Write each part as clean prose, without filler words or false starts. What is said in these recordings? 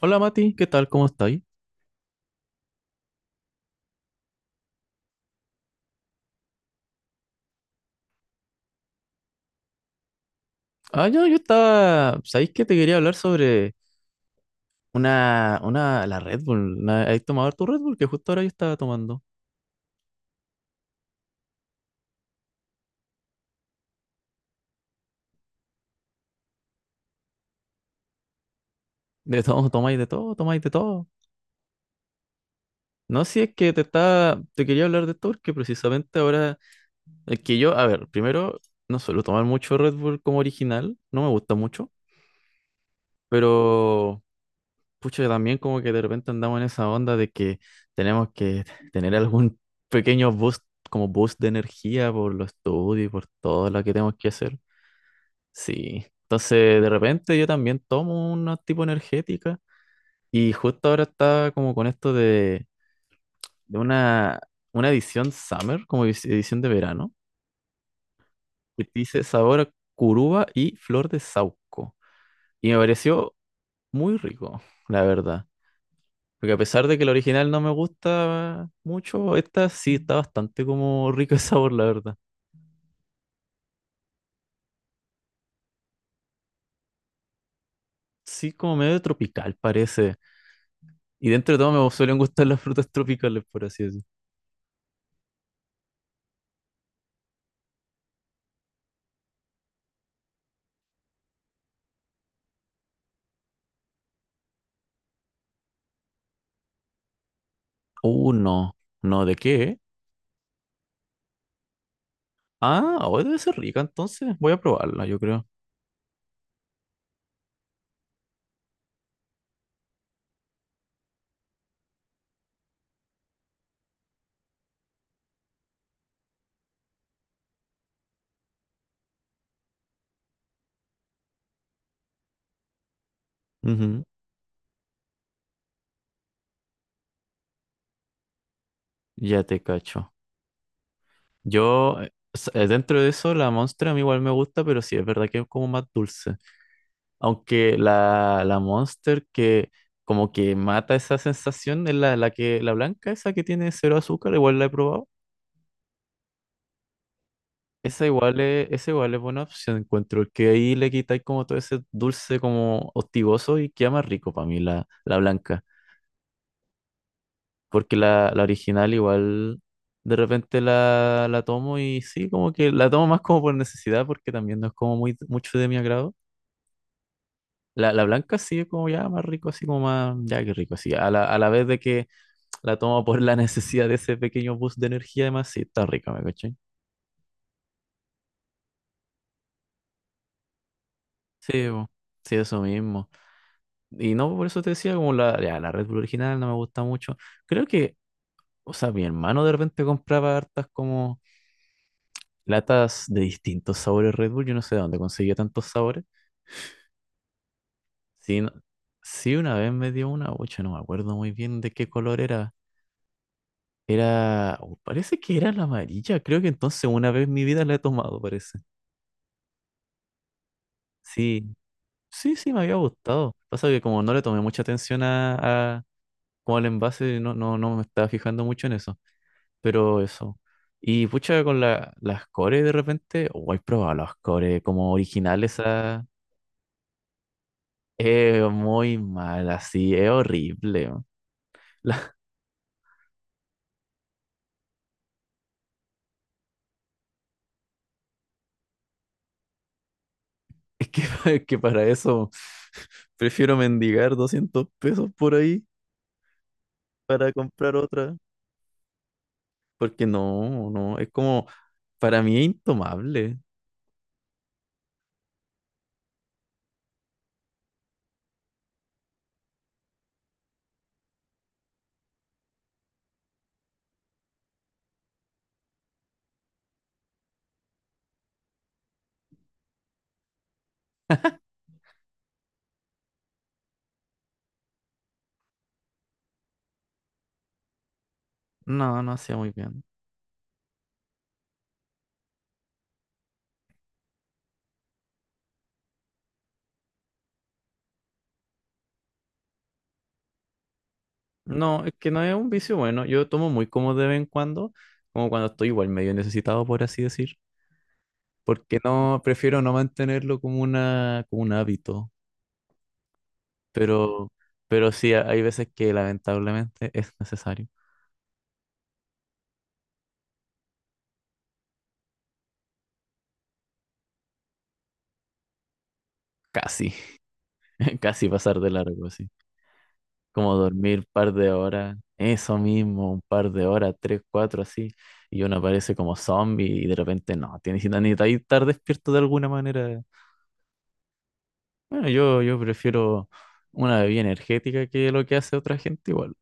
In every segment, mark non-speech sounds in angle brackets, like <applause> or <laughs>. Hola Mati, ¿qué tal? ¿Cómo estáis? Ah, yo estaba. ¿Sabéis que te quería hablar sobre la Red Bull? ¿Has tomado tu Red Bull? Que justo ahora yo estaba tomando. De todo, <laughs> tomáis de todo, tomáis de todo. No, si es que te quería hablar de esto porque precisamente ahora, es que yo, a ver, primero, no suelo tomar mucho Red Bull como original, no me gusta mucho, pero Pucho, que también como que de repente andamos en esa onda de que tenemos que tener algún <laughs> pequeño boost, como boost de energía por los estudios y por todo lo que tenemos que hacer. Sí. Entonces, de repente yo también tomo una tipo energética y justo ahora está como con esto de, una edición summer, como edición de verano, que dice sabor a curuba y flor de saúco. Y me pareció muy rico, la verdad. Porque a pesar de que el original no me gusta mucho, esta sí está bastante como rica de sabor, la verdad. Sí, como medio tropical parece. Y dentro de todo me suelen gustar las frutas tropicales, por así decirlo. No. No, ¿de qué? Ah, hoy debe ser rica, entonces voy a probarla, yo creo. Ujú. Ya te cacho. Yo, dentro de eso, la Monster a mí igual me gusta, pero sí es verdad que es como más dulce. Aunque la Monster que como que mata esa sensación es la, la que la blanca, esa que tiene cero azúcar, igual la he probado. Esa igual es buena opción, encuentro, que ahí le quitáis como todo ese dulce como hostigoso y queda más rico para mí la blanca. Porque la original igual de repente la, tomo y sí, como que la tomo más como por necesidad porque también no es como mucho de mi agrado. La blanca sí es como ya más rico, así como más, ya que rico, así. A la vez de que la toma por la necesidad de ese pequeño boost de energía, además, sí, está rica, ¿me cachai? Sí, bo, sí, eso mismo. Y no, por eso te decía, como la, ya, la Red Bull original no me gusta mucho. Creo que, o sea, mi hermano de repente compraba hartas como latas de distintos sabores Red Bull, yo no sé de dónde conseguía tantos sabores. Sí, sí, una vez me dio una, ocho, no me acuerdo muy bien de qué color era. Era, oh, parece que era la amarilla, creo que entonces una vez en mi vida la he tomado, parece. Sí, sí, sí, me había gustado. Pasa que como no le tomé mucha atención a como al envase, no me estaba fijando mucho en eso. Pero eso. Y pucha, con las cores de repente, oh, he probado las cores como originales, a es muy mal, así, es horrible, man. La- <laughs> es que para eso <laughs> prefiero mendigar 200 pesos por ahí para comprar otra. Porque no, no, es como, para mí es intomable. No, no hacía muy bien. No, es que no es un vicio bueno. Yo tomo muy como de vez en cuando, como cuando estoy igual medio necesitado, por así decir. Porque no, prefiero no mantenerlo como como un hábito. Pero, pero sí, hay veces que lamentablemente <laughs> es necesario. Casi, <laughs> casi pasar de largo, así. Como dormir un par de horas, eso mismo, un par de horas, tres, cuatro, así. Y uno aparece como zombie y de repente no, tienes que necesitar estar despierto de alguna manera. Bueno, yo prefiero una bebida energética que lo que hace otra gente igual.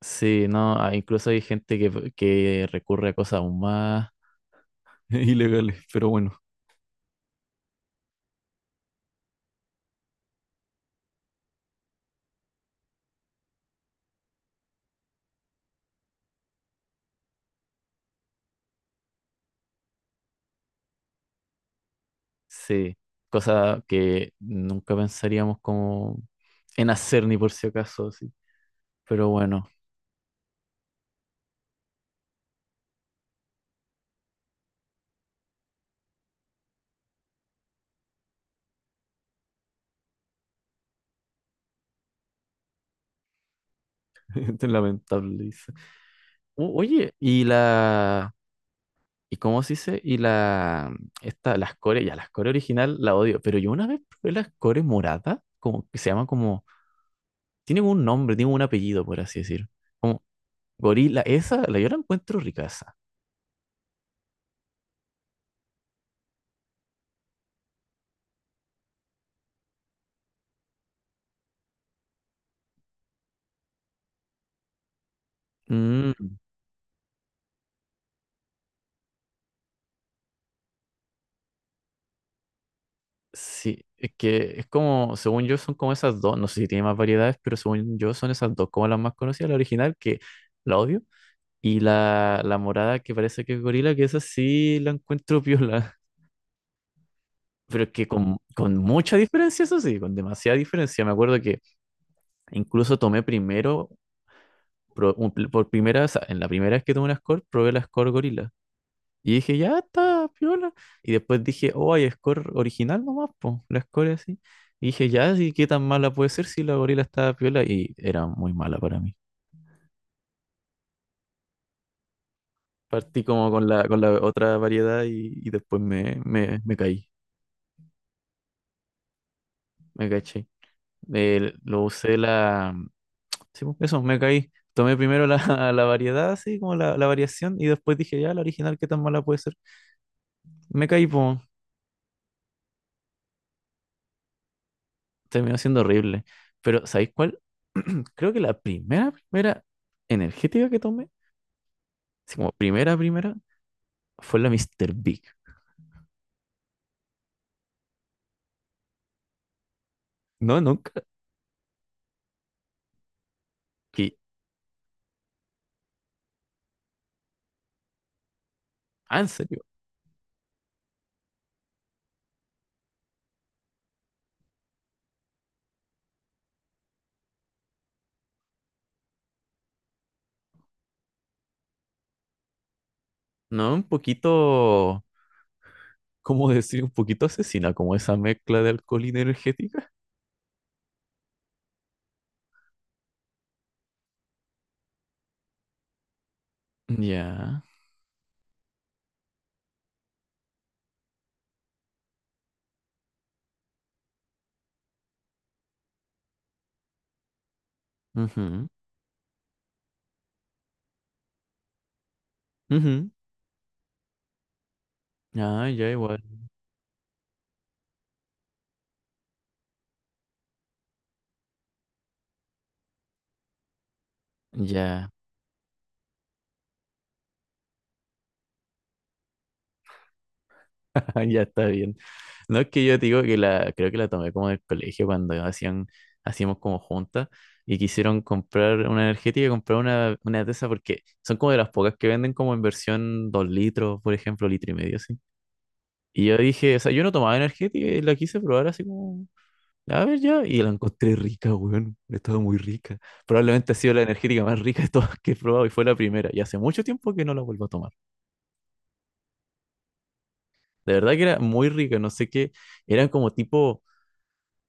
Sí, no, ah, incluso hay gente que recurre a cosas aún más <laughs> ilegales, pero bueno, sí, cosas que nunca pensaríamos como en hacer ni por si acaso, sí. Pero bueno, <laughs> es lamentable, dice. Oye, y la, ¿y cómo se dice? Y la, esta, las core, ya, las core original la odio, pero yo una vez probé las core morada, como que se llama como tiene como un nombre, tiene como un apellido, por así decir. Como gorila, esa, la yo la encuentro ricaza. Mm, sí, es que es como, según yo, son como esas dos, no sé si tiene más variedades, pero según yo son esas dos como las más conocidas, la original, que la odio, y la morada que parece que es gorila, que esa sí la encuentro <laughs> piola. Pero es que con mucha diferencia, eso sí, con demasiada diferencia. Me acuerdo que incluso tomé primero, por primera, o sea, en la primera vez que tomé una score, probé la score gorila. Y dije, ya está, piola. Y después dije, oh, hay score original nomás, po, la score así. Y dije, ya, sí, ¿qué tan mala puede ser si la gorila estaba piola? Y era muy mala para mí. Partí como con la otra variedad y después me caí, me caché. Lo usé la. Mm. Sí, po, eso, me caí. Tomé primero la, <laughs> la variedad, así como la variación, y después dije, ya, la original, ¿qué tan mala puede ser? Me caí, po, terminó siendo horrible. Pero, ¿sabéis cuál? <clears throat> Creo que la primera, primera energética que tomé, así como primera, primera, fue la Mr. Big. No, nunca. Que, ah, en serio. No, un poquito, ¿cómo decir? Un poquito asesina, como esa mezcla de alcohol y energética. Ya. Ujú, ujú. Ah, ya igual. Ya. <laughs> Ya está bien. No es que yo te digo que la, creo que la tomé como del colegio cuando hacíamos como juntas y quisieron comprar una energética y comprar una, de esas porque son como de las pocas que venden como en versión 2 litros, por ejemplo, litro y medio, así. Y yo dije, o sea, yo no tomaba energética y la quise probar así como, a ver ya, y la encontré rica, weón, estaba muy rica. Probablemente ha sido la energética más rica de todas que he probado y fue la primera. Y hace mucho tiempo que no la vuelvo a tomar. De verdad que era muy rica, no sé qué, eran como tipo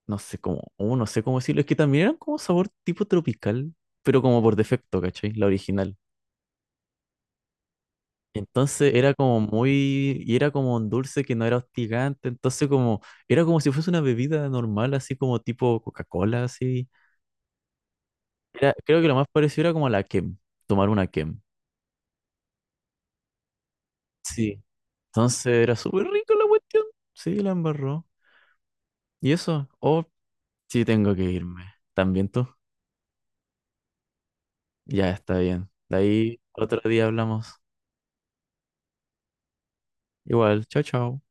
no sé cómo, oh, no sé cómo decirlo, es que también eran como sabor tipo tropical, pero como por defecto, ¿cachai? La original. Entonces era como muy, y era como un dulce que no era hostigante, entonces como, era como si fuese una bebida normal, así como tipo Coca-Cola, así. Era, creo que lo más parecido era como la Kem, tomar una Kem. Sí. Entonces era súper rico la cuestión. Sí, la embarró. ¿Y eso? Oh, sí, tengo que irme. ¿También tú? Ya está bien. De ahí otro día hablamos. Igual, chao, chao.